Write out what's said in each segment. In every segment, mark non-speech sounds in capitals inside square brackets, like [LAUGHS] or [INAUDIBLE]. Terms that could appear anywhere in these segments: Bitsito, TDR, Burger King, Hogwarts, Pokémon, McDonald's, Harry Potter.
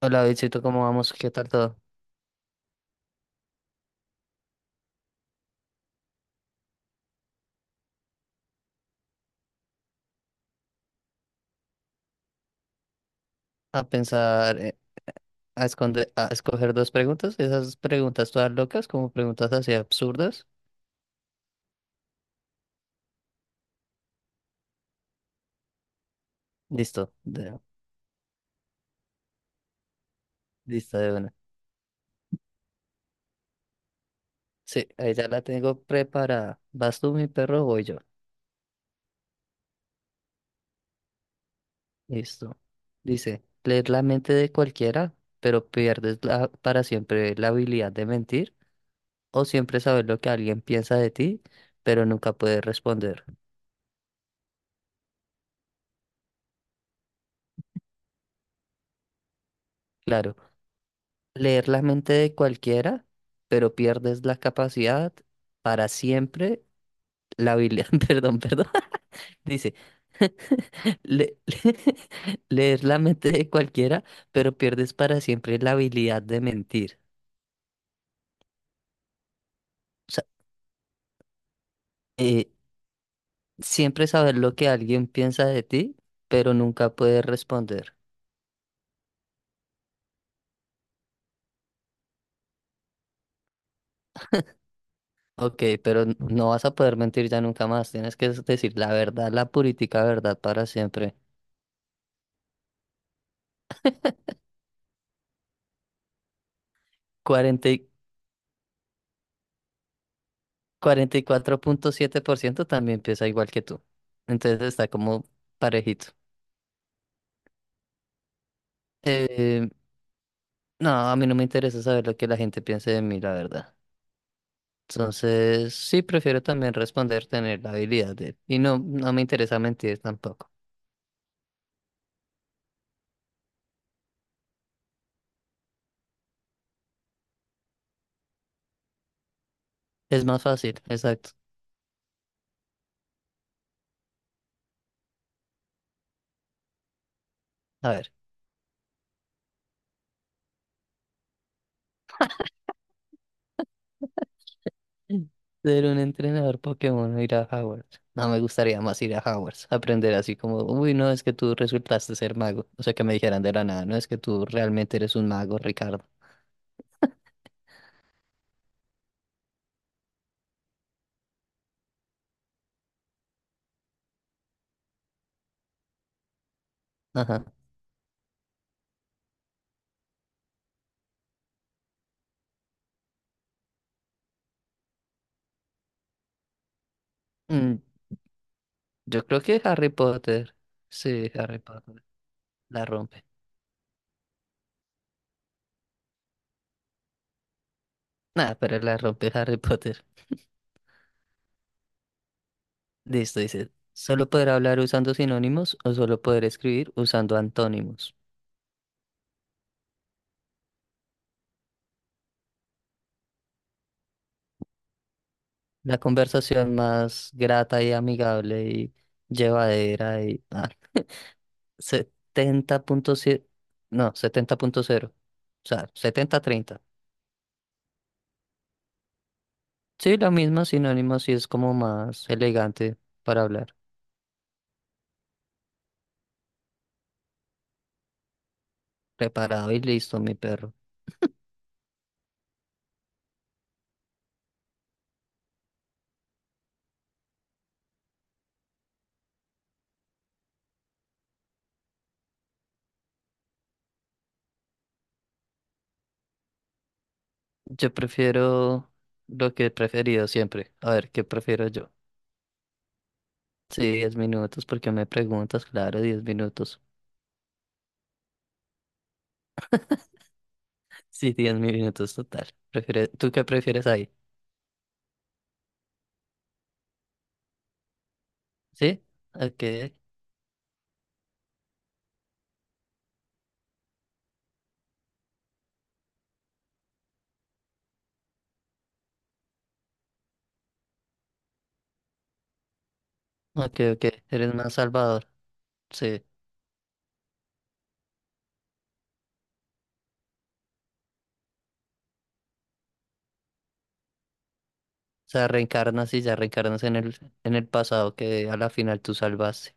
Hola, Bitsito, ¿cómo vamos? ¿Qué tal todo? A pensar, a escoger dos preguntas, esas preguntas todas locas, como preguntas así absurdas. Listo, lista de una. Sí, ahí ya la tengo preparada. ¿Vas tú, mi perro, o voy yo? Listo. Dice, leer la mente de cualquiera, pero pierdes para siempre la habilidad de mentir, o siempre saber lo que alguien piensa de ti, pero nunca puedes responder. Claro. Leer la mente de cualquiera, pero pierdes la capacidad para siempre, la habilidad, [LAUGHS] perdón, perdón, [LAUGHS] dice, [LAUGHS] le- [LAUGHS] leer la mente de cualquiera, pero pierdes para siempre la habilidad de mentir. O sea, eh, siempre saber lo que alguien piensa de ti, pero nunca puedes responder. Ok, pero no vas a poder mentir ya nunca más, tienes que decir la verdad, la purítica verdad para siempre. 40 cuarenta y cuatro punto siete por ciento también piensa igual que tú. Entonces está como parejito. Eh, no, a mí no me interesa saber lo que la gente piense de mí, la verdad. Entonces, sí, prefiero también responder, tener la habilidad de... Y no, no me interesa mentir tampoco. Es más fácil, exacto. A ver, mm, ser un entrenador Pokémon o ir a Hogwarts. No me gustaría más ir a Hogwarts, aprender así como, uy, no, es que tú resultaste ser mago. O sea, que me dijeran de la nada, no es que tú realmente eres un mago, Ricardo. Ajá. Mm, yo creo que Harry Potter. Sí, Harry Potter. La rompe. Nada, pero la rompe Harry Potter. Listo, dice. Solo poder hablar usando sinónimos o solo poder escribir usando antónimos. La conversación más grata y amigable y llevadera y... ah, [LAUGHS] 70,7. No, 70,0. O sea, 70-30. Sí, lo mismo, sinónimos sí es como más elegante para hablar. Preparado y listo, mi perro. Yo prefiero lo que he preferido siempre. A ver, ¿qué prefiero yo? Sí, 10 minutos, porque me preguntas, claro, 10 minutos. Sí, 10 minutos total. ¿Tú qué prefieres ahí? ¿Sí? Ok, ok, ok. Eres más salvador. Sí. O sea, reencarnas y ya reencarnas en el pasado que a la final tú salvaste.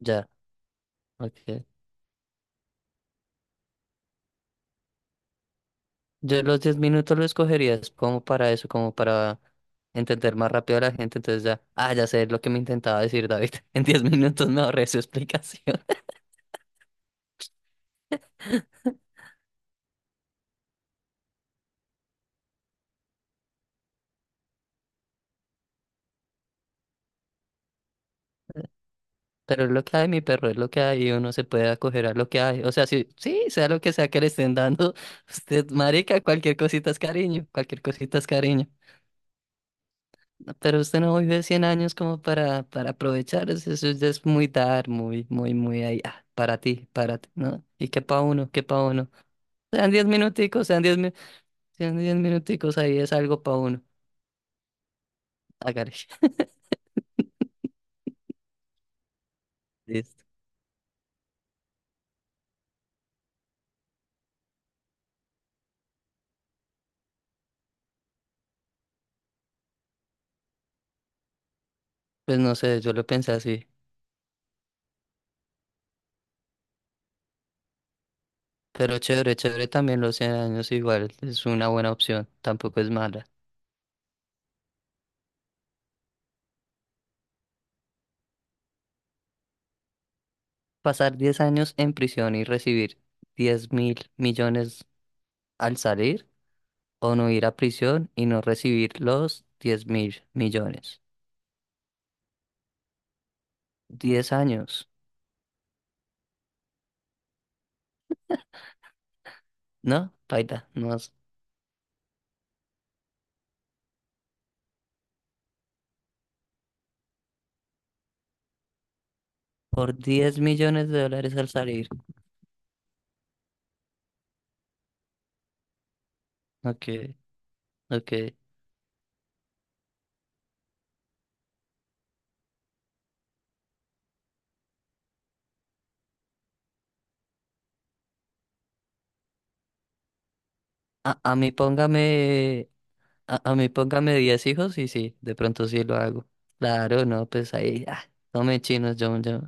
Ya, ok. Yo los 10 minutos lo escogerías como para eso, como para entender más rápido a la gente. Entonces ya, ah, ya sé lo que me intentaba decir David. [LAUGHS] En 10 minutos me ahorré su explicación. [LAUGHS] Pero es lo que hay, mi perro, es lo que hay y uno se puede acoger a lo que hay. O sea, sí, sí, sea lo que sea que le estén dando, [LAUGHS] usted, marica, cualquier cosita es cariño, cualquier cosita es cariño. No, pero usted no vive 100 años como para aprovechar, eso ya es muy dar, muy, muy, muy ahí, ah, para ti, ¿no? Y qué pa' uno, qué pa' uno. Sean 10 minuticos, sean 10 minutos. Tienen 10 minuticos ahí, es algo para uno. Hágale. [LAUGHS] Listo. Pues no sé, yo lo pensé así. Pero chévere, chévere también los 100 años igual. Es una buena opción, tampoco es mala. Pasar 10 años en prisión y recibir 10 mil millones al salir o no ir a prisión y no recibir los 10 mil millones. Diez años, ¿no? Paila, no por 10 millones de dólares al salir. Ok, ok. A mí póngame. A mí póngame 10 hijos y sí, de pronto sí lo hago. Claro, no, pues ahí, ah, no me chinos, yo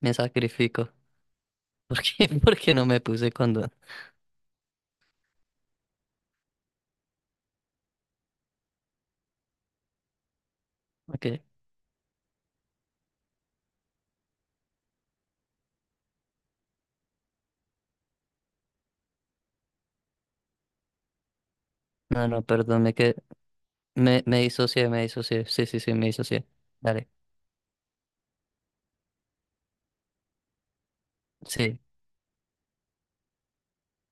me sacrifico. [LAUGHS] ¿Por qué? Porque no me puse condón. Ok. No, no, perdón, me disocié, me disocié. Sí, sí, sí, me disocié. Dale, sí,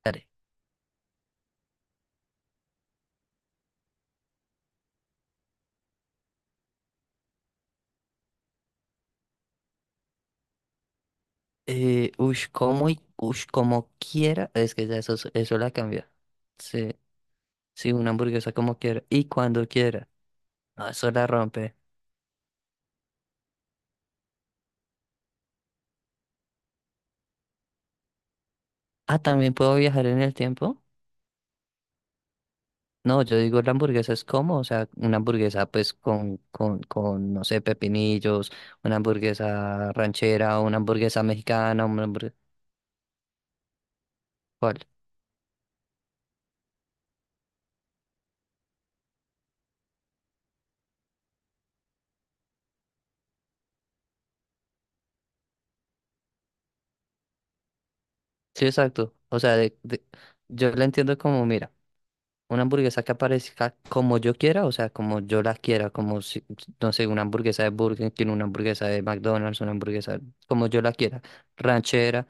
dale. Ush, como y ush, como quiera. Es que ya eso, eso la cambia. Sí, sí, una hamburguesa como quiera. Y cuando quiera. No, eso la rompe. Ah, también puedo viajar en el tiempo. No, yo digo la hamburguesa es como, o sea, una hamburguesa pues con, no sé, pepinillos, una hamburguesa ranchera, una hamburguesa mexicana, una hamburguesa... ¿Cuál? Sí, exacto. O sea, yo la entiendo como, mira, una hamburguesa que aparezca como yo quiera, o sea, como yo la quiera, como, si, no sé, una hamburguesa de Burger King, una hamburguesa de McDonald's, una hamburguesa como yo la quiera, ranchera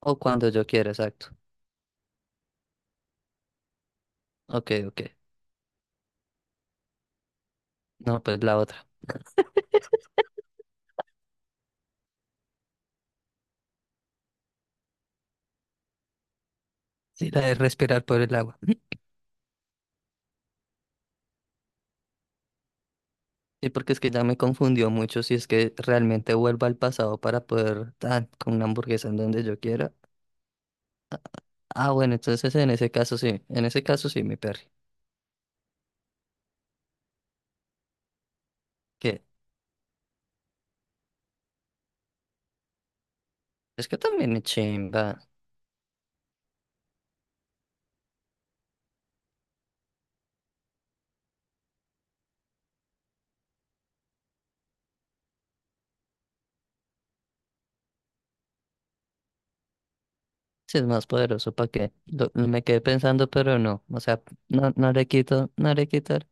o cuando yo quiera, exacto. Ok, ok. No, pues la otra. Sí, la de respirar por el agua. Sí, porque es que ya me confundió mucho si es que realmente vuelvo al pasado para poder dar con una hamburguesa en donde yo quiera. Ah, bueno, entonces en ese caso sí, en ese caso sí, mi perro. Que es que también es chimba, si es más poderoso, ¿para qué? Lo- me quedé pensando, pero no, o sea, no, no le quito, no le quitar.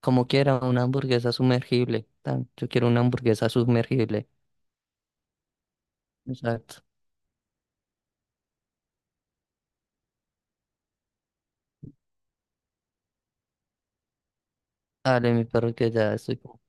Como quiera, una hamburguesa sumergible. Tan, yo quiero una hamburguesa sumergible. Exacto. Dale, mi perro, que ya estoy.